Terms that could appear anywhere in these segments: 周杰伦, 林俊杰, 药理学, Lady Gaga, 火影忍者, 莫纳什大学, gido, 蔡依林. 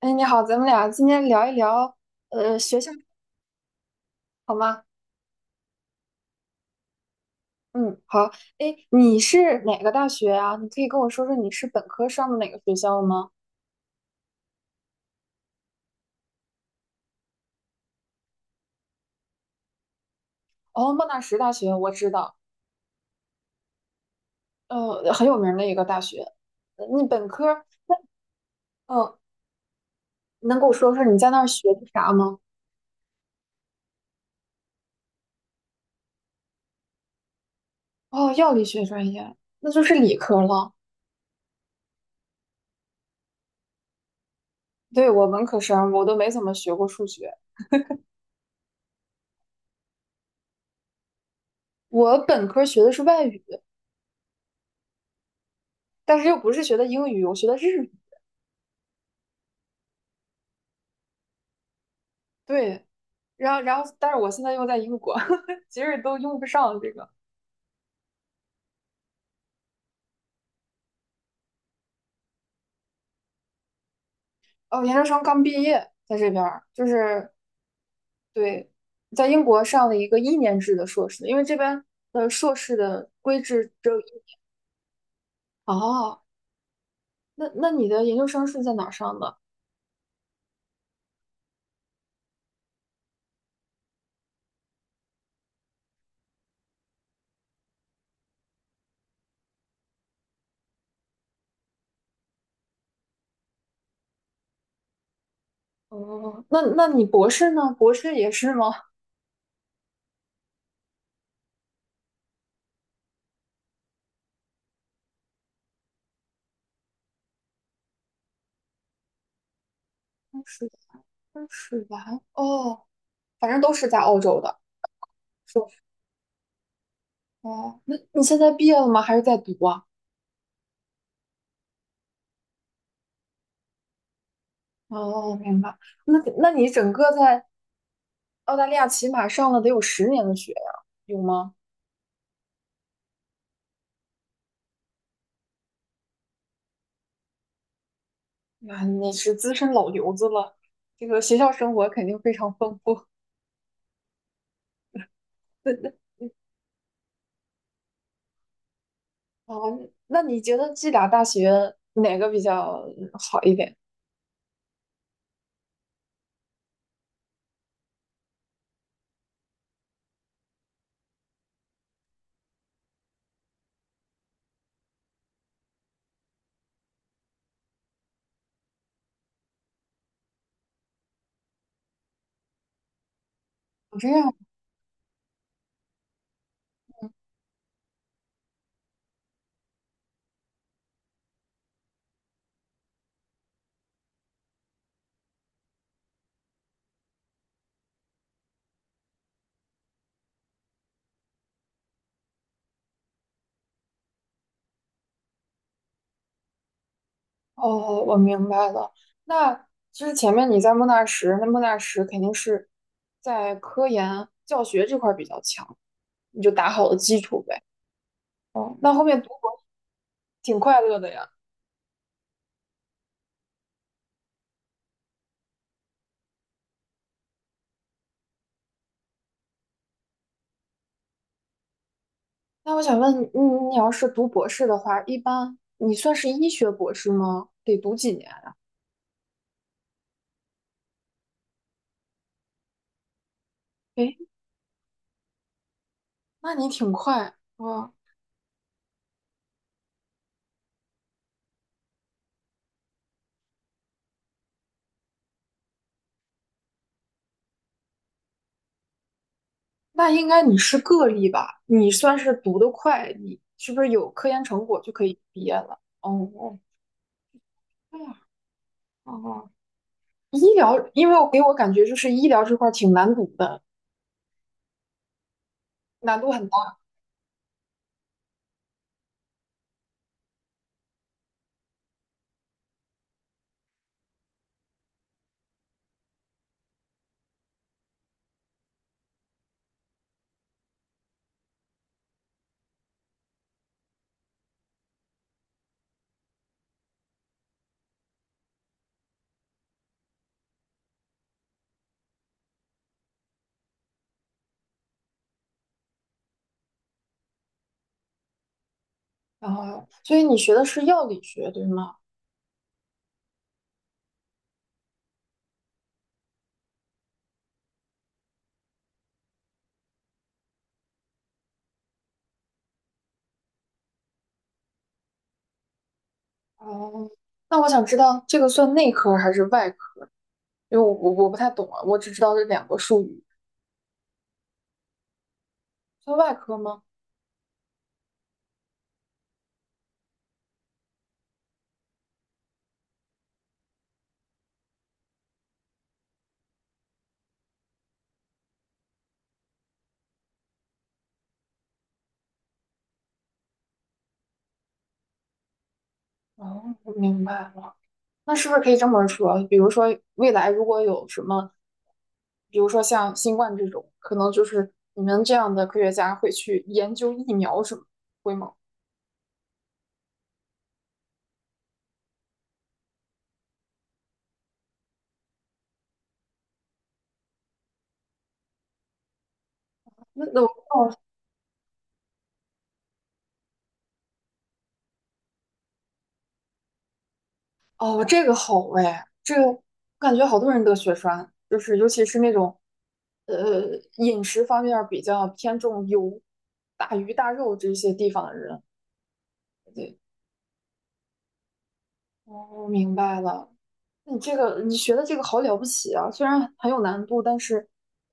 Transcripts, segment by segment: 哎，你好，咱们俩今天聊一聊，学校好吗？嗯，好。哎，你是哪个大学啊？你可以跟我说说你是本科上的哪个学校吗？哦，莫纳什大学我知道，很有名的一个大学。你本科，嗯，能给我说说你在那儿学的啥吗？哦，药理学专业，那就是理科了。对，我文科生，我都没怎么学过数学。我本科学的是外语，但是又不是学的英语，我学的日语。对。然后,但是我现在又在英国，其实都用不上这个。哦，研究生刚毕业，在这边儿就是对，在英国上了一个一年制的硕士，因为这边的硕士的规制只有一。哦，那那你的研究生是在哪儿上的？哦，那那你博士呢？博士也是吗？当是，当是完哦，反正都是在澳洲的硕士。哦，那你现在毕业了吗？还是在读啊？哦，明白。那那你整个在澳大利亚起码上了得有10年的学呀，有吗？那你是资深老油子了，这个学校生活肯定非常丰富。那啊那你觉得这俩大学哪个比较好一点？哦这样，哦，我明白了。那就是前面你在莫纳什，那莫纳什肯定是在科研教学这块儿比较强，你就打好了基础呗。哦，那后面读博挺快乐的呀。那我想问，你，你要是读博士的话，一般你算是医学博士吗？得读几年呀？诶，那你挺快啊！那应该你是个例吧？你算是读得快，你是不是有科研成果就可以毕业了？哦，对呀，哦，医疗，因为我给我感觉就是医疗这块儿挺难读的，难度很大。然所以你学的是药理学，对吗？哦，那我想知道这个算内科还是外科？因为我不太懂啊，我只知道这两个术语。做外科吗？哦，我明白了。那是不是可以这么说？比如说，未来如果有什么，比如说像新冠这种，可能就是你们这样的科学家会去研究疫苗什么，会吗？那那我哦，这个好哎，这个我感觉好多人得血栓，就是尤其是那种饮食方面比较偏重油、大鱼大肉这些地方的人。对，哦，我明白了。你这个你学的这个好了不起啊，虽然很有难度，但是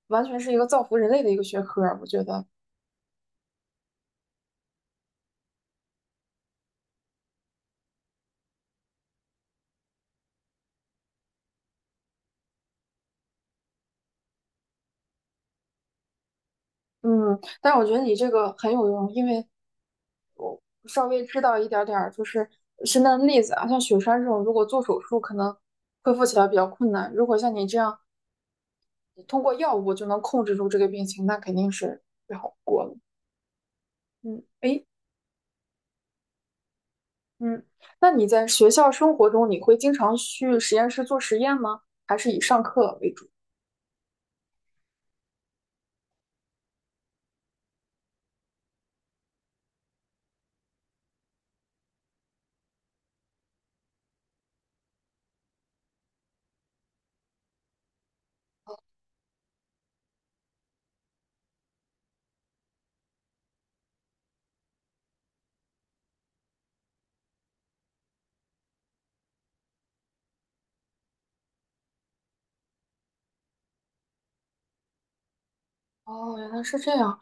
完全是一个造福人类的一个学科儿，我觉得。嗯，但是我觉得你这个很有用，因为稍微知道一点儿点儿就是身边的例子啊，像雪山这种，如果做手术可能恢复起来比较困难，如果像你这样通过药物就能控制住这个病情，那肯定是最好不过了。嗯，诶，嗯，那你在学校生活中，你会经常去实验室做实验吗？还是以上课为主？哦，原来是这样。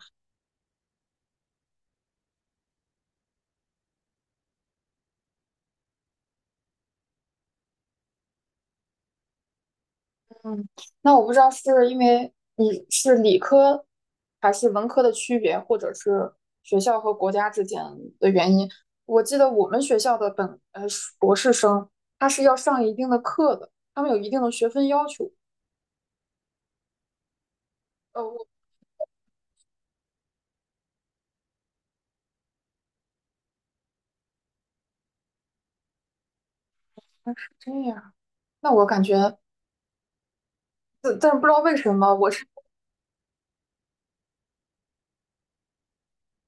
嗯，那我不知道是因为你是理科还是文科的区别，或者是学校和国家之间的原因。我记得我们学校的博士生，他是要上一定的课的，他们有一定的学分要求。我们是这样。那我感觉，但是不知道为什么，我是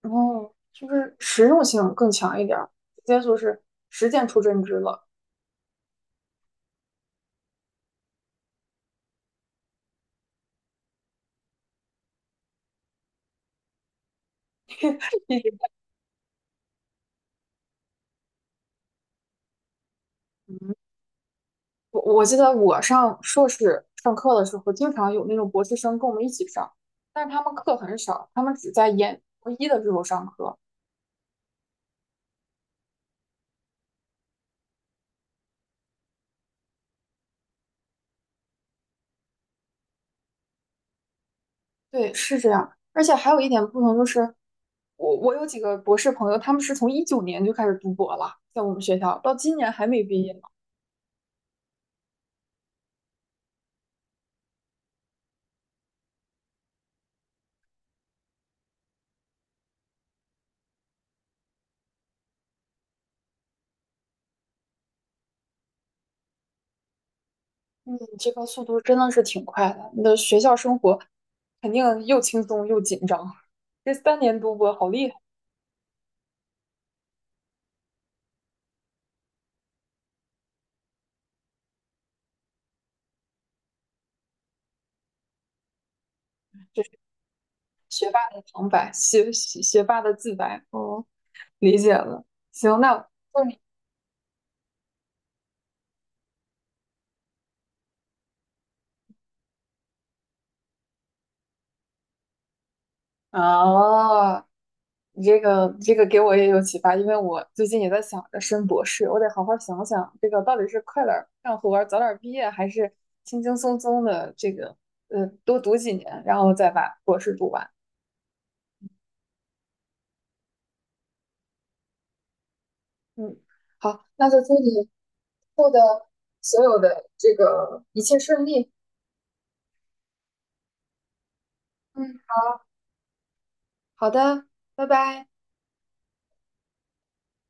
哦，就是实用性更强一点儿，直接就是实践出真知了。我记得我上硕士上课的时候，经常有那种博士生跟我们一起上，但是他们课很少，他们只在研博一的时候上课。对，是这样。而且还有一点不同就是，我有几个博士朋友，他们是从2019年就开始读博了，在我们学校到今年还没毕业呢。嗯，这个速度真的是挺快的。你的学校生活肯定又轻松又紧张，这3年读博好厉害。学霸的旁白，学霸的自白。哦，理解了。行，那问你 啊，你这个这个给我也有启发，因为我最近也在想着升博士，我得好好想想这个到底是快点儿干活儿早点儿毕业，还是轻轻松松的这个多读几年，然后再把博士读完。嗯，好，那就祝你以后的所有的这个一切顺利。嗯，好的，拜拜。